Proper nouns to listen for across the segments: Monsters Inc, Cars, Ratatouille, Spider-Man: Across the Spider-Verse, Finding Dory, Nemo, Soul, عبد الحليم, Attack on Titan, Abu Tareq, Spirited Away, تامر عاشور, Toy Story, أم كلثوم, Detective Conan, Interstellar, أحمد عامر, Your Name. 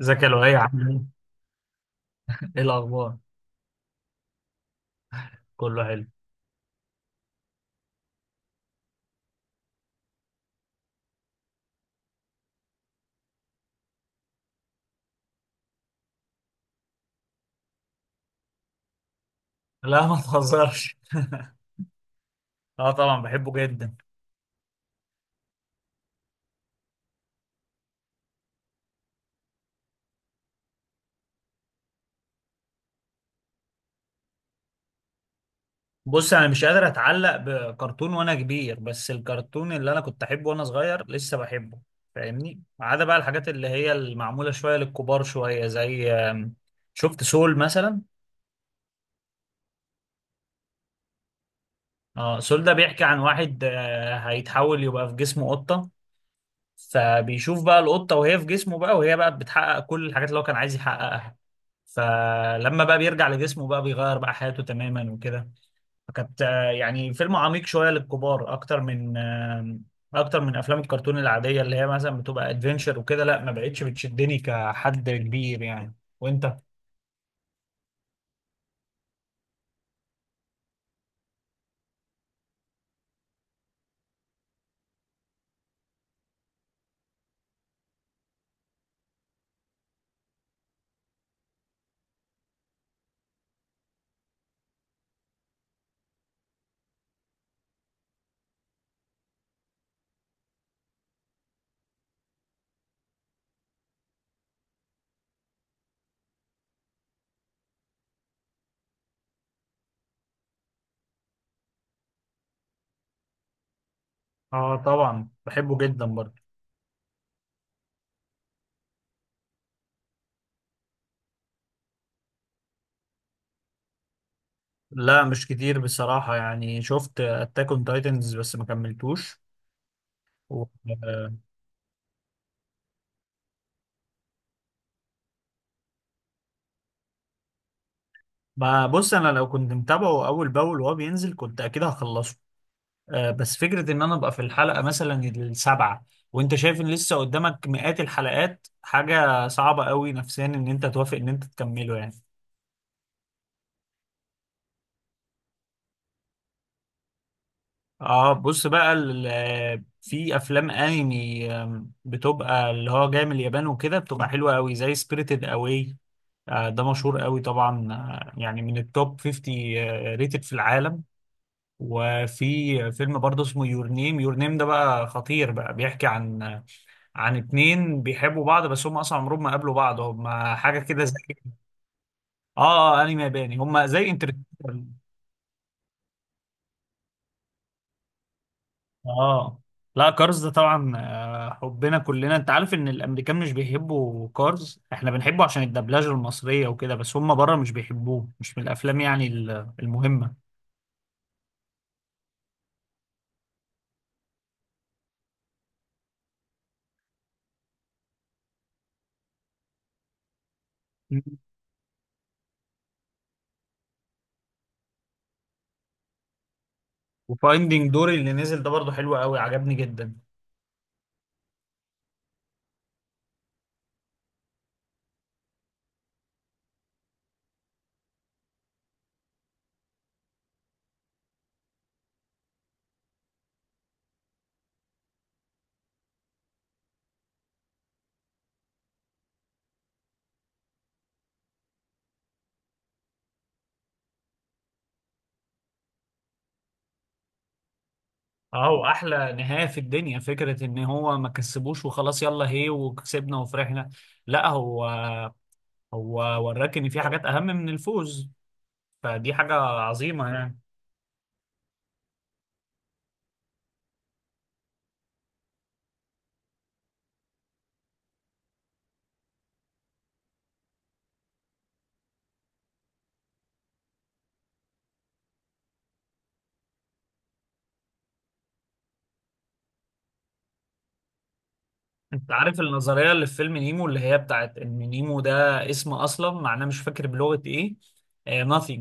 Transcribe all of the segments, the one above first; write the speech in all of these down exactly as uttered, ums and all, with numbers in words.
ازيك يا لؤي عامل ايه؟ ايه الاخبار؟ كله حلو. لا ما تهزرش. اه طبعا بحبه جدا. بص انا مش قادر اتعلق بكرتون وانا كبير، بس الكرتون اللي انا كنت احبه وانا صغير لسه بحبه. فاهمني؟ ما عدا بقى الحاجات اللي هي المعموله شويه للكبار شويه زي آم، شفت سول مثلا؟ اه سول ده بيحكي عن واحد آه، هيتحول يبقى في جسمه قطه، فبيشوف بقى القطه وهي في جسمه بقى، وهي بقى بتحقق كل الحاجات اللي هو كان عايز يحققها. فلما بقى بيرجع لجسمه بقى بيغير بقى حياته تماما وكده. فكانت آه، يعني فيلم عميق شوية للكبار أكتر من آه، أكتر من أفلام الكرتون العادية اللي هي مثلا بتبقى ادفنشر وكده. لا ما بقتش بتشدني كحد كبير يعني. وأنت؟ آه طبعا بحبه جدا برضه. لا مش كتير بصراحة، يعني شفت أتاك أون تايتنز بس ما كملتوش. و... آه، ما بص أنا لو كنت متابعه أول بأول وهو بينزل كنت أكيد هخلصه. آه، بس فكرة ان انا ابقى في الحلقة مثلا السابعة وانت شايف ان لسه قدامك مئات الحلقات حاجة صعبة قوي نفسيا ان انت توافق ان انت تكمله يعني. اه بص بقى ال- ال- في افلام انمي آم، بتبقى اللي هو جاي من اليابان وكده، بتبقى حلوة قوي زي سبirited اواي. آه ده مشهور قوي طبعا، آه، يعني من التوب خمسين ريتد في العالم. وفي فيلم برضه اسمه يور نيم، يور نيم ده بقى خطير، بقى بيحكي عن عن اتنين بيحبوا بعض بس هم اصلا عمرهم ما قابلوا بعض، هم حاجه كده زي اه اه آه، انمي ياباني، هم زي انترستيلر. اه لا كارز ده طبعا آه، حبنا كلنا. انت عارف ان الامريكان مش بيحبوا كارز، احنا بنحبه عشان الدبلجه المصريه وكده، بس هم بره مش بيحبوه، مش من الافلام يعني ال- المهمه. مم. وفايندينج دوري اللي نزل ده برضه حلو قوي، عجبني جدا. اه واحلى نهايه في الدنيا فكره ان هو ما كسبوش وخلاص يلا هي وكسبنا وفرحنا. لا هو هو وراك ان في حاجات اهم من الفوز، فدي حاجه عظيمه يعني. انت عارف النظريه اللي في فيلم نيمو، اللي هي بتاعت ان نيمو ده اسم اصلا معناه، مش فاكر بلغه ايه، آه nothing.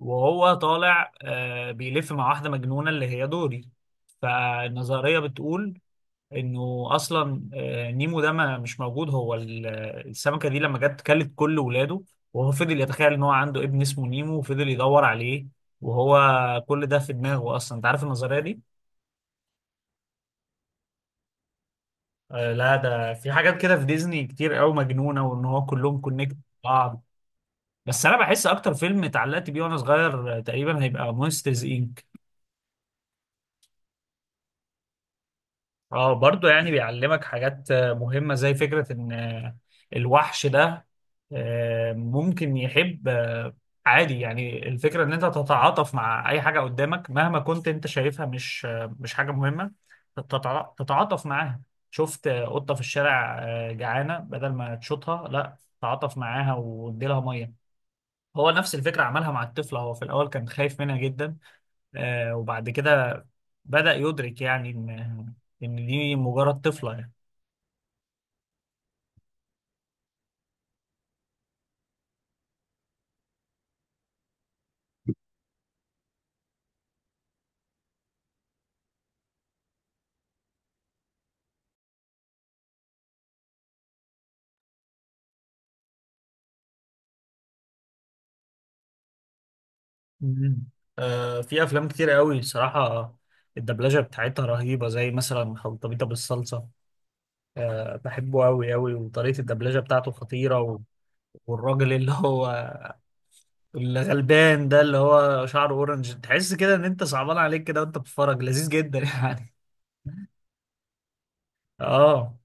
وهو طالع آه بيلف مع واحده مجنونه اللي هي دوري. فالنظريه بتقول انه اصلا، آه، نيمو ده ما مش موجود. هو ال- آه، السمكه دي لما جت كلت كل ولاده، وهو فضل يتخيل ان هو عنده ابن اسمه نيمو وفضل يدور عليه، وهو كل ده في دماغه اصلا. انت عارف النظريه دي؟ آه لا ده في حاجات كده في ديزني كتير قوي مجنونه، وان هو كلهم كونكت بعض. بس انا بحس اكتر فيلم اتعلقت بيه وانا صغير آه، تقريبا هيبقى مونسترز انك. اه برضه يعني بيعلمك حاجات آه، مهمة، زي فكرة ان آه، الوحش ده آه، ممكن يحب، آه، عادي يعني. الفكرة ان انت تتعاطف مع اي حاجة قدامك مهما كنت انت شايفها مش آه، مش حاجة مهمة، تتع- تتعاطف معاها. شفت آه، قطة في الشارع آه، جعانة، بدل ما تشوطها لا تعاطف معاها وادي لها مية. هو نفس الفكرة عملها مع الطفل، هو في الأول كان خايف منها جدا، آه، وبعد كده بدأ يدرك يعني إن إن دي مجرد طفلة يعني. مم. آه، في أفلام كتير قوي صراحة الدبلجة بتاعتها رهيبة، زي مثلا خلطبيطة بالصلصة، آه، بحبه قوي قوي، وطريقة الدبلجة بتاعته خطيرة و- والراجل اللي هو اللي غلبان ده اللي هو شعره أورنج، تحس كده إن أنت صعبان عليك كده وأنت بتتفرج، لذيذ جدا يعني. آه.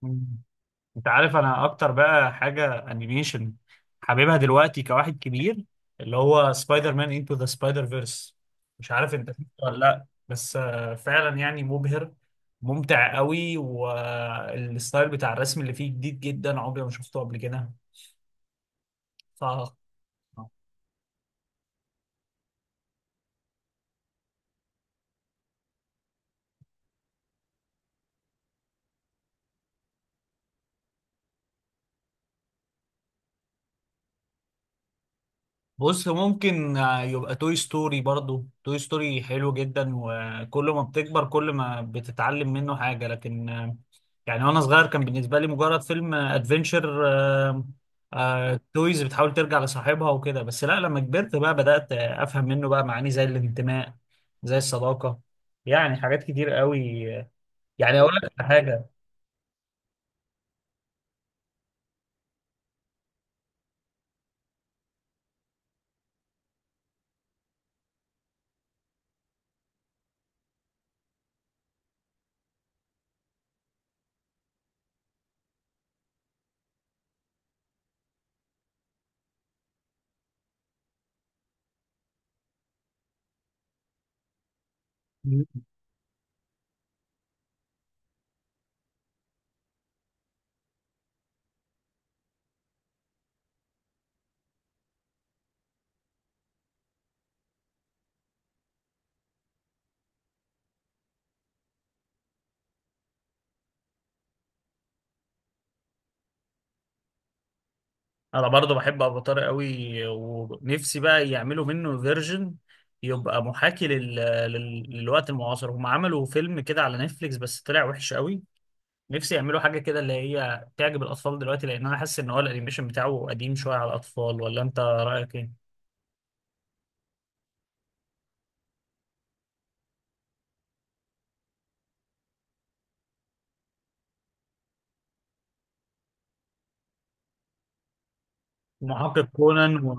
انت عارف انا اكتر بقى حاجه انيميشن حاببها دلوقتي كواحد كبير، اللي هو سبايدر مان انتو ذا سبايدر فيرس، مش عارف انت شفته ولا لا، بس آه، فعلا يعني مبهر، ممتع قوي. والستايل بتاع الرسم اللي فيه جديد جدا، عمري ما شفته قبل كده. ف بص ممكن يبقى توي ستوري. برضو توي ستوري حلو جدا، وكل ما بتكبر كل ما بتتعلم منه حاجة، لكن آه، يعني وانا صغير كان بالنسبة لي مجرد فيلم ادفنشر، تويز بتحاول ترجع لصاحبها وكده بس. لا لما كبرت بقى بدأت آه، افهم منه بقى معاني زي الانتماء، زي الصداقة، يعني حاجات كتير قوي. يعني اقول لك على حاجة، انا برضو بحب ابو طارق قوي، ونفسي بقى يعملوا منه فيرجن يبقى محاكي لل... لل... للوقت المعاصر. هم عملوا فيلم كده على نتفليكس بس طلع وحش قوي. نفسي يعملوا حاجة كده اللي هي تعجب الأطفال دلوقتي، لأن أنا حاسس إن هو الأنيميشن بتاعه قديم شوية على الأطفال، ولا أنت رأيك إيه؟ محقق كونان و...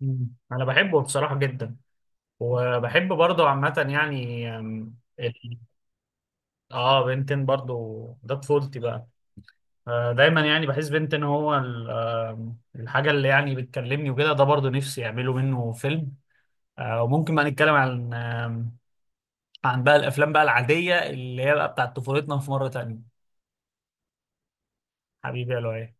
مم. أنا بحبه بصراحة جدا، وبحب برضه عامة يعني أم، ال- آه بنتين برضه، ده طفولتي بقى. آه، دايما يعني بحس بنت ان هو ال- آه، الحاجه اللي يعني بتكلمني وكده، ده برضو نفسي يعملوا منه فيلم. آه، وممكن بقى نتكلم عن آم، عن بقى الافلام بقى العاديه اللي هي بقى بتاعت طفولتنا في مره تانية. حبيبي يا لؤي.